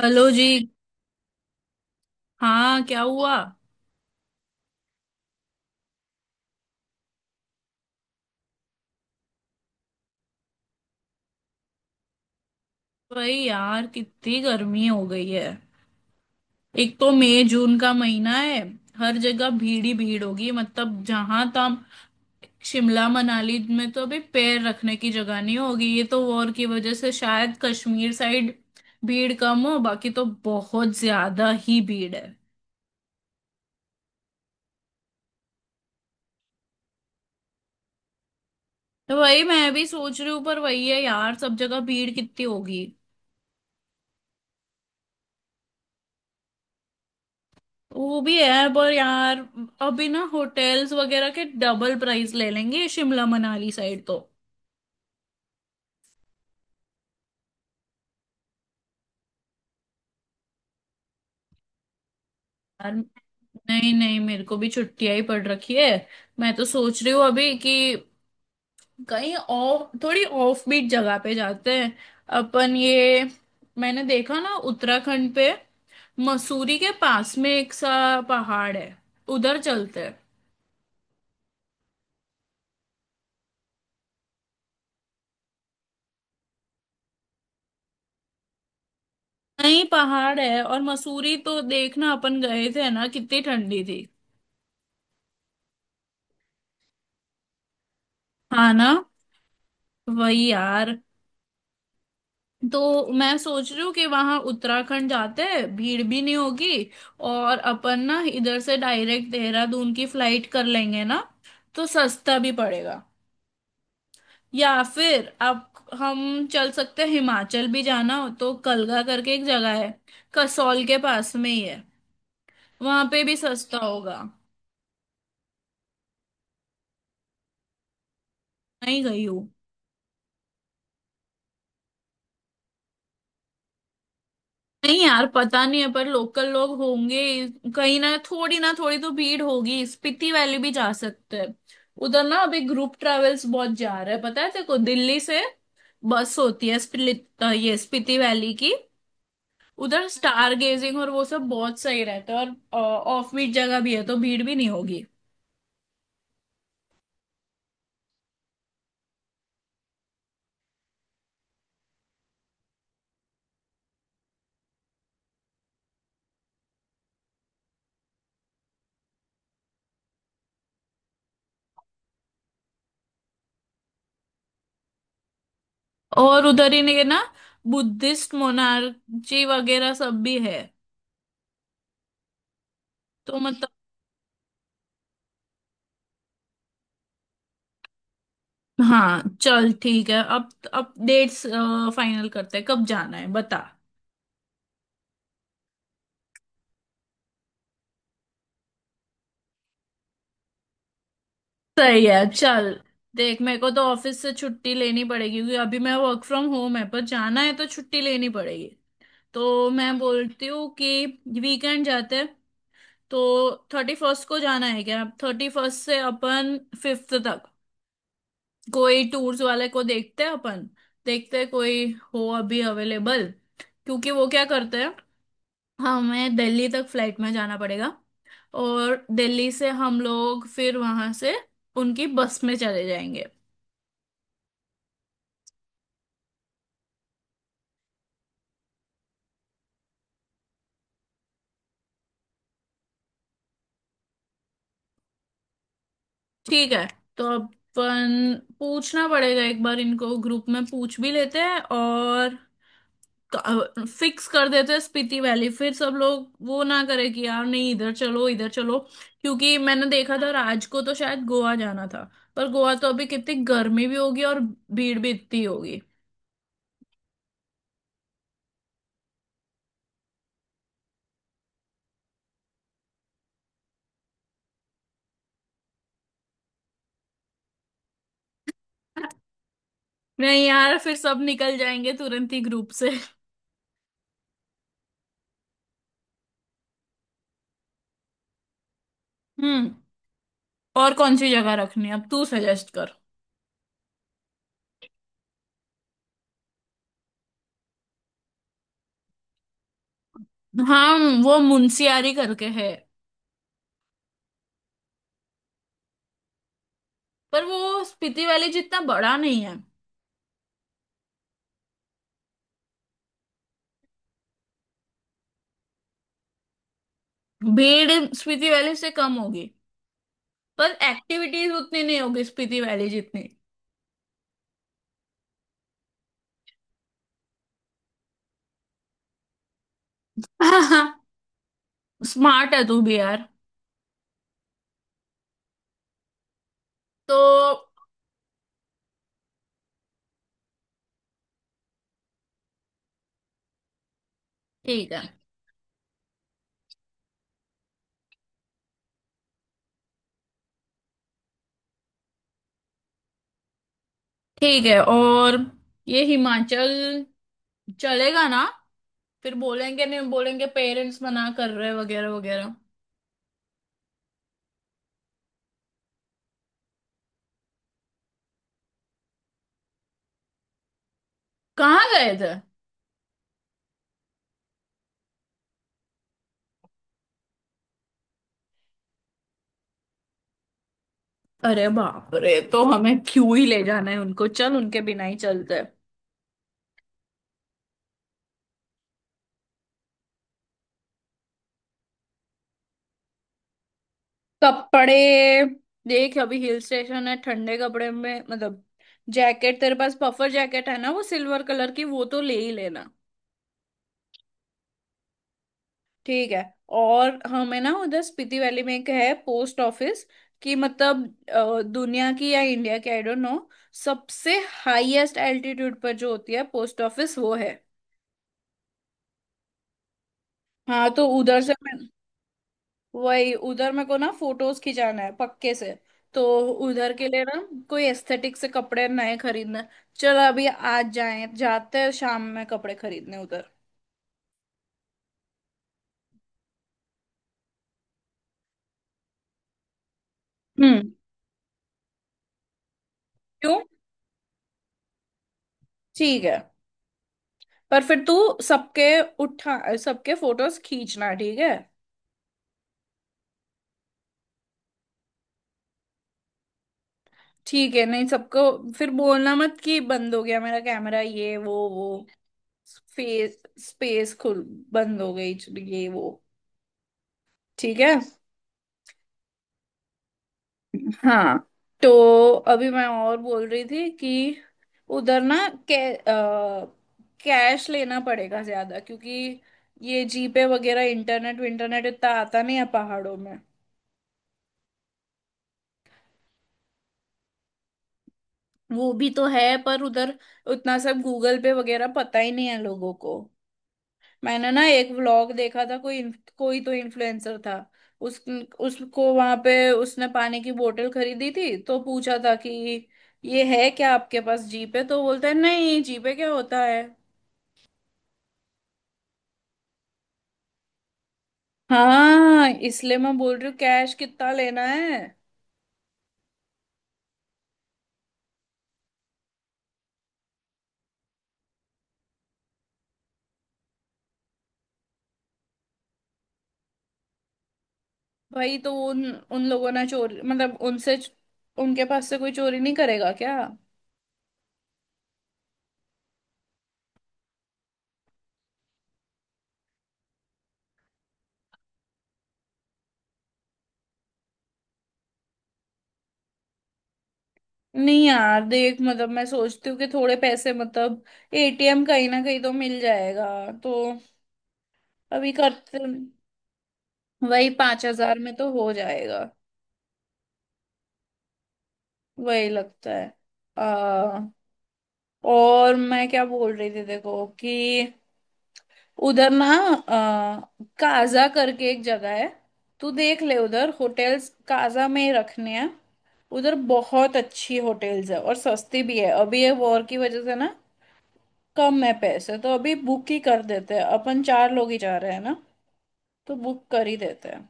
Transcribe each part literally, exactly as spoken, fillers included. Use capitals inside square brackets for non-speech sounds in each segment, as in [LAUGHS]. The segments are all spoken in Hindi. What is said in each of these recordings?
हेलो जी। हाँ, क्या हुआ? भाई यार, कितनी गर्मी हो गई है। एक तो मई जून का महीना है, हर जगह भीड़ ही भीड़ होगी। मतलब जहां तक शिमला मनाली में तो अभी पैर रखने की जगह नहीं होगी। ये तो वॉर की वजह से शायद कश्मीर साइड भीड़ कम हो, बाकी तो बहुत ज्यादा ही भीड़ है। तो वही मैं भी सोच रही हूँ, पर वही है यार, सब जगह भीड़ कितनी होगी। वो भी है पर यार, अभी ना होटल्स वगैरह के डबल प्राइस ले लेंगे शिमला मनाली साइड तो। यार नहीं नहीं, मेरे को भी छुट्टियां ही पड़ रखी है। मैं तो सोच रही हूँ अभी कि कहीं ऑफ, थोड़ी ऑफ बीट जगह पे जाते हैं अपन। ये मैंने देखा ना उत्तराखंड पे, मसूरी के पास में एक सा पहाड़ है, उधर चलते हैं। नहीं, पहाड़ है। और मसूरी तो देखना, अपन गए थे ना, कितनी ठंडी थी। हाँ ना, वही यार। तो मैं सोच रही हूँ कि वहां उत्तराखंड जाते हैं, भीड़ भी नहीं होगी। और अपन ना इधर से डायरेक्ट देहरादून की फ्लाइट कर लेंगे ना, तो सस्ता भी पड़ेगा। या फिर आप, हम चल सकते हैं हिमाचल भी। जाना हो तो कलगा करके एक जगह है, कसौल के पास में ही है, वहां पे भी सस्ता होगा। नहीं गई हूँ। नहीं यार, पता नहीं है, पर लोकल लोग होंगे। कहीं ना थोड़ी ना थोड़ी तो भीड़ होगी। स्पीति वैली भी जा सकते हैं। उधर ना अभी ग्रुप ट्रेवल्स बहुत जा रहे हैं, पता है तेरे को, दिल्ली से बस होती है स्पिलित अ, ये स्पीति वैली की। उधर स्टार गेजिंग और वो सब बहुत सही रहता है, और ऑफ बीट जगह भी है तो भीड़ भी नहीं होगी। और उधर ही ने ना बुद्धिस्ट मोनार्ची वगैरह सब भी है। तो हाँ, चल ठीक है। अब अब डेट्स फाइनल करते हैं, कब जाना है बता। सही है, चल। देख, मेरे को तो ऑफिस से छुट्टी लेनी पड़ेगी, क्योंकि अभी मैं वर्क फ्रॉम होम है, पर जाना है तो छुट्टी लेनी पड़ेगी। तो मैं बोलती हूँ कि वीकेंड जाते हैं। तो थर्टी फर्स्ट को जाना है क्या? थर्टी फर्स्ट से अपन फिफ्थ तक, कोई टूर्स वाले को देखते हैं अपन। देखते हैं कोई हो अभी अवेलेबल, क्योंकि वो क्या करते हैं, हमें दिल्ली तक फ्लाइट में जाना पड़ेगा और दिल्ली से हम लोग फिर वहां से उनकी बस में चले जाएंगे। ठीक है, तो अपन पूछना पड़ेगा एक बार इनको, ग्रुप में पूछ भी लेते हैं और फिक्स कर देते हैं स्पीति वैली। फिर सब लोग वो ना करे कि यार नहीं, इधर चलो इधर चलो। क्योंकि मैंने देखा था, राज को तो शायद गोवा जाना था। पर गोवा तो अभी कितनी गर्मी भी होगी और भीड़ भी इतनी होगी। नहीं यार, फिर सब निकल जाएंगे तुरंत ही ग्रुप से। हम्म, और कौन सी जगह रखनी है अब तू सजेस्ट कर। हाँ, वो मुंशियारी करके है। पर वो स्पीति वैली जितना बड़ा नहीं है। भीड़ स्पीति वैली से कम होगी, पर एक्टिविटीज उतनी नहीं होगी स्पीति वैली जितनी। [LAUGHS] स्मार्ट है तू भी यार। तो ठीक है। ठीक है। और ये हिमाचल चलेगा ना? फिर बोलेंगे, नहीं बोलेंगे पेरेंट्स मना कर रहे वगैरह वगैरह। कहाँ गए थे? अरे बाप रे, तो हमें क्यों ही ले जाना है उनको, चल उनके बिना ही चलते हैं। कपड़े? देख, अभी हिल स्टेशन है, ठंडे कपड़े। में मतलब जैकेट, तेरे पास पफर जैकेट है ना वो सिल्वर कलर की, वो तो ले ही लेना। ठीक है। और हमें ना उधर स्पीति वैली में एक है पोस्ट ऑफिस, कि मतलब अ, दुनिया की या इंडिया की, आई डोंट नो, सबसे हाईएस्ट एल्टीट्यूड पर जो होती है पोस्ट ऑफिस, वो है। हाँ, तो उधर से, वही उधर मेरे को ना फोटोज खिंचाना है पक्के से। तो उधर के लिए ना कोई एस्थेटिक से कपड़े नए खरीदना है। चल अभी आज जाए, जाते हैं शाम में कपड़े खरीदने उधर। हम्म। क्यों? ठीक है, पर फिर तू सबके, उठा, सबके फोटोज खींचना ठीक है? ठीक है, नहीं सबको। फिर बोलना मत कि बंद हो गया मेरा कैमरा, ये वो वो फेस स्पेस खुल, बंद हो गई, ये वो, ठीक है। हाँ, तो अभी मैं और बोल रही थी कि उधर ना कै, कैश लेना पड़ेगा ज्यादा, क्योंकि ये जीपे वगैरह, इंटरनेट विंटरनेट इतना आता नहीं है पहाड़ों में। वो भी तो है पर उधर उतना सब गूगल पे वगैरह पता ही नहीं है लोगों को। मैंने ना एक व्लॉग देखा था, कोई inf- कोई तो इन्फ्लुएंसर था, उस उसको वहां पे, उसने पानी की बोतल खरीदी थी तो पूछा था कि ये है क्या आपके पास जीपे, तो बोलता है नहीं, जीपे क्या होता है। हाँ, इसलिए मैं बोल रही हूँ कैश कितना लेना है। भाई, तो उन उन लोगों ने चोरी, मतलब उनसे, उनके पास से कोई चोरी नहीं करेगा क्या? नहीं यार देख, मतलब मैं सोचती हूँ कि थोड़े पैसे, मतलब एटीएम कहीं ना कहीं तो मिल जाएगा। तो अभी करते, वही पांच हजार में तो हो जाएगा। वही लगता है। आ, और मैं क्या बोल रही थी, देखो कि उधर ना आ, काजा करके एक जगह है, तू देख ले उधर होटल्स, काजा में ही रखने हैं। उधर बहुत अच्छी होटल्स है और सस्ती भी है, अभी ये वॉर की वजह से ना कम है पैसे, तो अभी बुक ही कर देते हैं। अपन चार लोग ही जा रहे हैं ना, तो बुक कर ही देते हैं।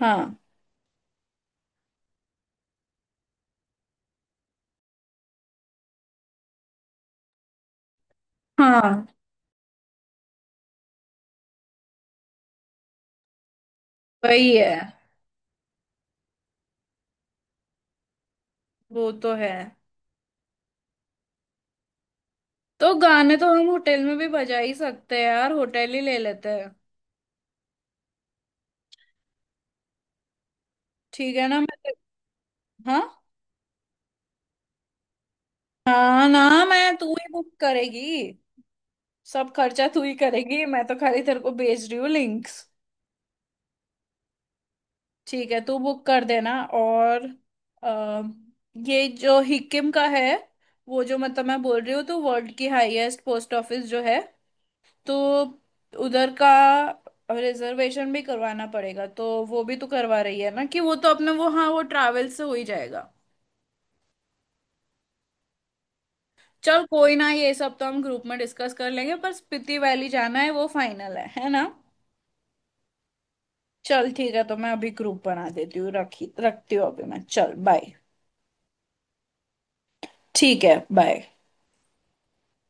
हाँ हाँ, वही है। वो तो है। तो गाने तो हम होटल में भी बजा ही सकते हैं यार, होटल ही ले लेते हैं। ठीक है ना, मैं ते- हाँ, हाँ ना, मैं, तू ही बुक करेगी, सब खर्चा तू ही करेगी, मैं तो खाली तेरे को भेज रही हूँ लिंक्स। ठीक है तू बुक कर देना। और अ, ये जो हिकिम का है, वो जो, मतलब मैं बोल रही हूँ तो वर्ल्ड की हाईएस्ट पोस्ट ऑफिस जो है, तो उधर का रिजर्वेशन भी करवाना पड़ेगा। तो वो भी तो करवा रही है ना, कि वो तो अपने वो, हाँ वो ट्रैवल से हो ही जाएगा। चल कोई ना, ये सब तो हम ग्रुप में डिस्कस कर लेंगे, पर स्पीति वैली जाना है, वो फाइनल है है ना? चल ठीक है, तो मैं अभी ग्रुप बना देती हूँ, रखी, रखती हूँ अभी मैं, चल बाय। ठीक है, बाय।